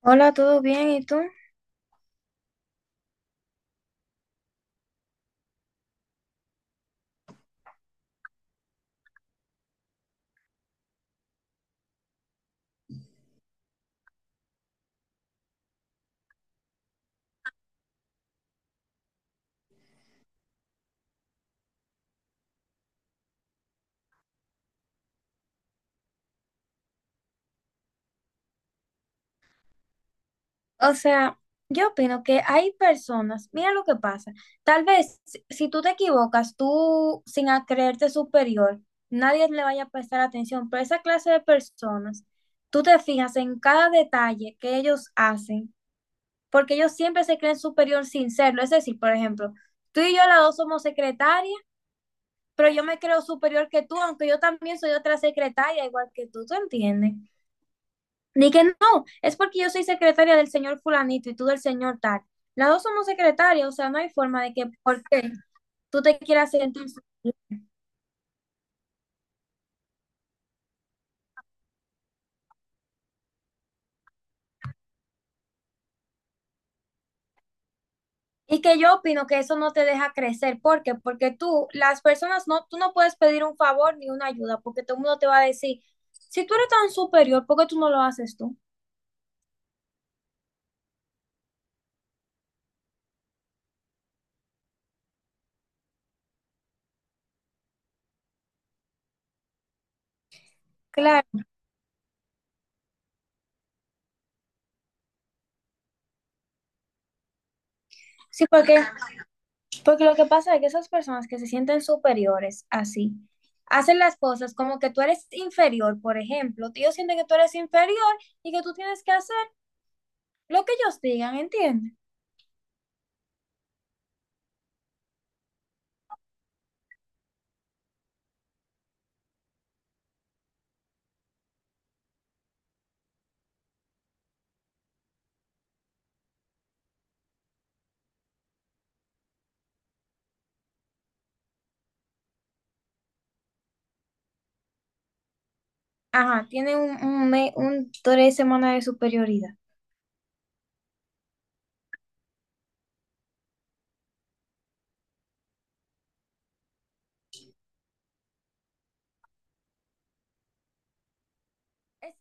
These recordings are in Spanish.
Hola, ¿todo bien? ¿Y tú? O sea, yo opino que hay personas, mira lo que pasa, tal vez si tú te equivocas, tú sin a- creerte superior, nadie le vaya a prestar atención. Pero esa clase de personas, tú te fijas en cada detalle que ellos hacen, porque ellos siempre se creen superior sin serlo. Es decir, por ejemplo, tú y yo las dos somos secretarias, pero yo me creo superior que tú, aunque yo también soy otra secretaria, igual que tú, ¿tú entiendes? Ni que no, es porque yo soy secretaria del señor fulanito y tú del señor tal. Las dos somos secretarias, o sea, no hay forma de que por qué tú te quieras sentir. Y que yo opino que eso no te deja crecer. ¿Por qué? Porque tú, las personas, no, tú no puedes pedir un favor ni una ayuda, porque todo el mundo te va a decir, si tú eres tan superior, ¿por qué tú no lo haces tú? Claro, sí, porque porque lo que pasa es que esas personas que se sienten superiores así, hacen las cosas como que tú eres inferior, por ejemplo. Ellos sienten que tú eres inferior y que tú tienes que hacer lo que ellos digan, ¿entiendes? Ajá, tienen un 3 semanas de superioridad.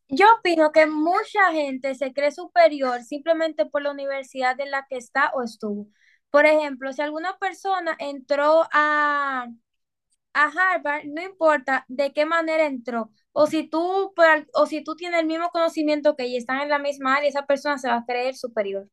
Yo opino que mucha gente se cree superior simplemente por la universidad en la que está o estuvo. Por ejemplo, si alguna persona entró a Harvard, no importa de qué manera entró, o si tú, o si tú tienes el mismo conocimiento que ella, están en la misma área, esa persona se va a creer superior.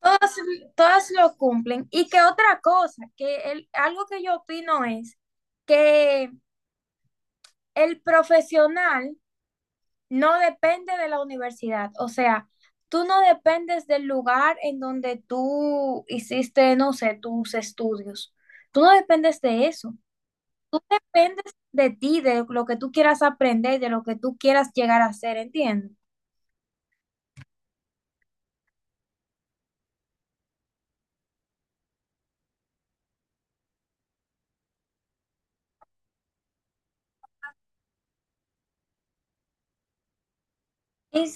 Todas, todas lo cumplen. Y que otra cosa, que algo que yo opino es que el profesional no depende de la universidad, o sea, tú no dependes del lugar en donde tú hiciste, no sé, tus estudios. Tú no dependes de eso. Tú dependes de ti, de lo que tú quieras aprender, de lo que tú quieras llegar a ser, ¿entiendes? Y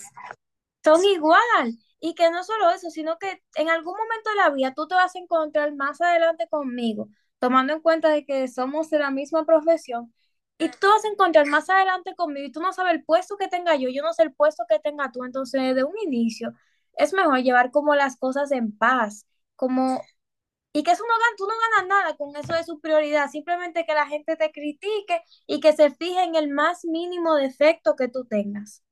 son igual. Y que no solo eso, sino que en algún momento de la vida tú te vas a encontrar más adelante conmigo, tomando en cuenta de que somos de la misma profesión. Y tú te vas a encontrar más adelante conmigo y tú no sabes el puesto que tenga yo, yo no sé el puesto que tenga tú. Entonces, de un inicio, es mejor llevar como las cosas en paz, como… Y que eso no gana, tú no ganas nada con eso de su prioridad, simplemente que la gente te critique y que se fije en el más mínimo defecto que tú tengas.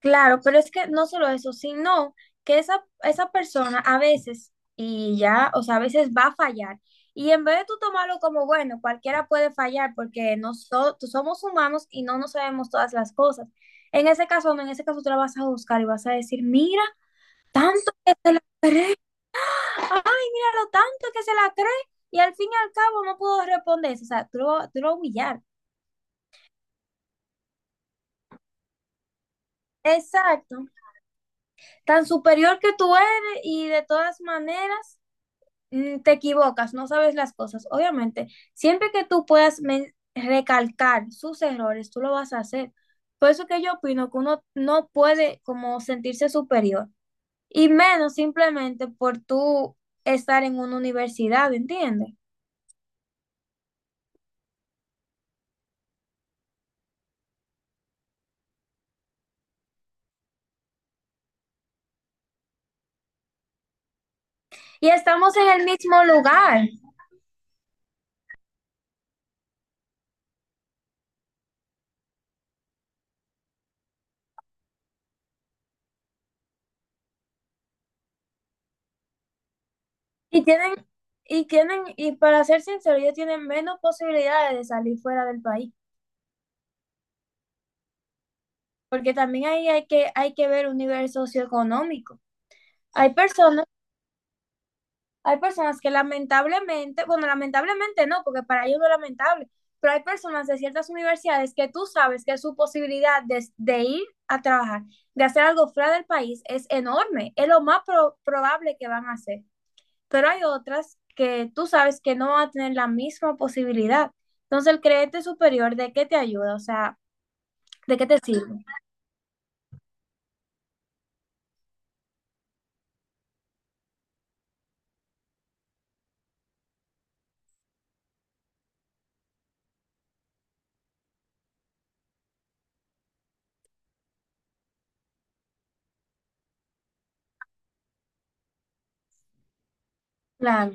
Claro, pero es que no solo eso, sino que esa persona a veces, y ya, o sea, a veces va a fallar. Y en vez de tú tomarlo como, bueno, cualquiera puede fallar porque nosotros somos humanos y no nos sabemos todas las cosas. En ese caso, no, en ese caso tú la vas a buscar y vas a decir, mira, tanto que te la esperé, ay, mira lo tanto que se la cree y al fin y al cabo no pudo responder. O sea, tú lo humillar. Exacto. Tan superior que tú eres y de todas maneras, mm, te equivocas, no sabes las cosas. Obviamente, siempre que tú puedas recalcar sus errores, tú lo vas a hacer. Por eso que yo opino que uno no puede como sentirse superior y menos simplemente por tú estar en una universidad, ¿entiendes? Y estamos en el mismo lugar. Y tienen, y tienen, y para ser sincero, ellos tienen menos posibilidades de salir fuera del país, porque también ahí hay que ver un nivel socioeconómico. Hay personas, hay personas que lamentablemente, bueno, lamentablemente no, porque para ellos no es lamentable, pero hay personas de ciertas universidades que tú sabes que su posibilidad de ir a trabajar, de hacer algo fuera del país es enorme, es lo más probable que van a hacer. Pero hay otras que tú sabes que no van a tener la misma posibilidad. Entonces, el creerte superior, ¿de qué te ayuda? O sea, ¿de qué te sirve? Claro.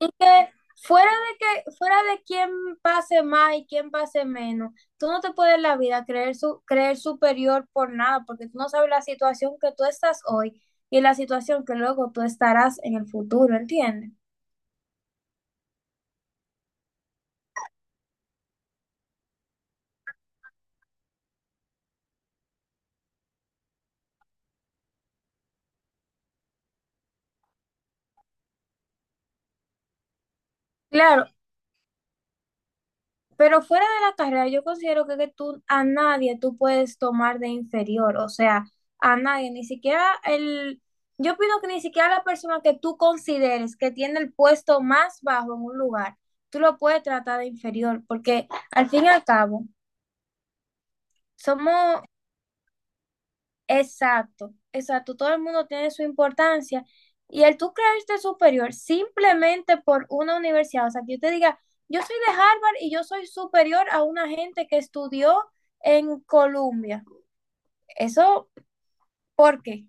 Y fuera de que fuera de quién pase más y quién pase menos, tú no te puedes en la vida creer superior por nada, porque tú no sabes la situación que tú estás hoy y la situación que luego tú estarás en el futuro, ¿entiendes? Claro. Pero fuera de la carrera, yo considero que tú a nadie tú puedes tomar de inferior, o sea, a nadie, ni siquiera el, yo opino que ni siquiera la persona que tú consideres que tiene el puesto más bajo en un lugar, tú lo puedes tratar de inferior, porque al fin y al cabo, somos… Exacto, exacto. Todo el mundo tiene su importancia. Y el tú creerte superior simplemente por una universidad, o sea, que yo te diga, yo soy de Harvard y yo soy superior a una gente que estudió en Columbia. Eso, ¿por qué?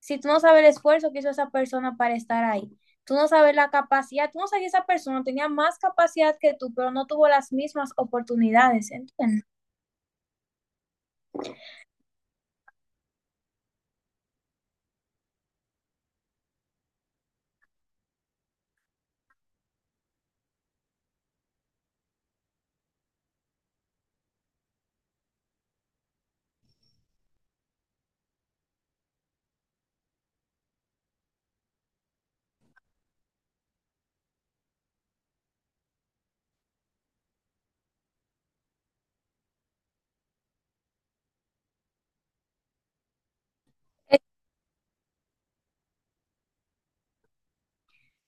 Si tú no sabes el esfuerzo que hizo esa persona para estar ahí, tú no sabes la capacidad, tú no sabes que esa persona tenía más capacidad que tú, pero no tuvo las mismas oportunidades, ¿entiendes?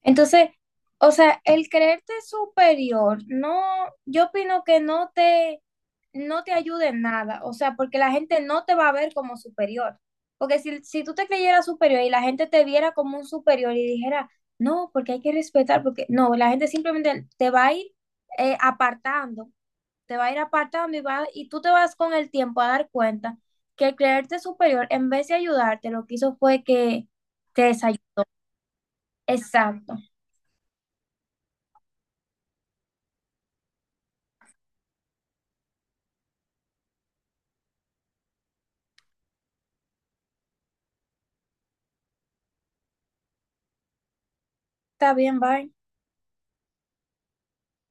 Entonces, o sea, el creerte superior, no, yo opino que no te ayude en nada, o sea, porque la gente no te va a ver como superior. Porque si tú te creyeras superior y la gente te viera como un superior y dijera, no, porque hay que respetar, porque no, la gente simplemente te va a ir, apartando, te va a ir apartando y, va, y tú te vas con el tiempo a dar cuenta que el creerte superior, en vez de ayudarte, lo que hizo fue que te desayudó. Exacto. Está bien, bye.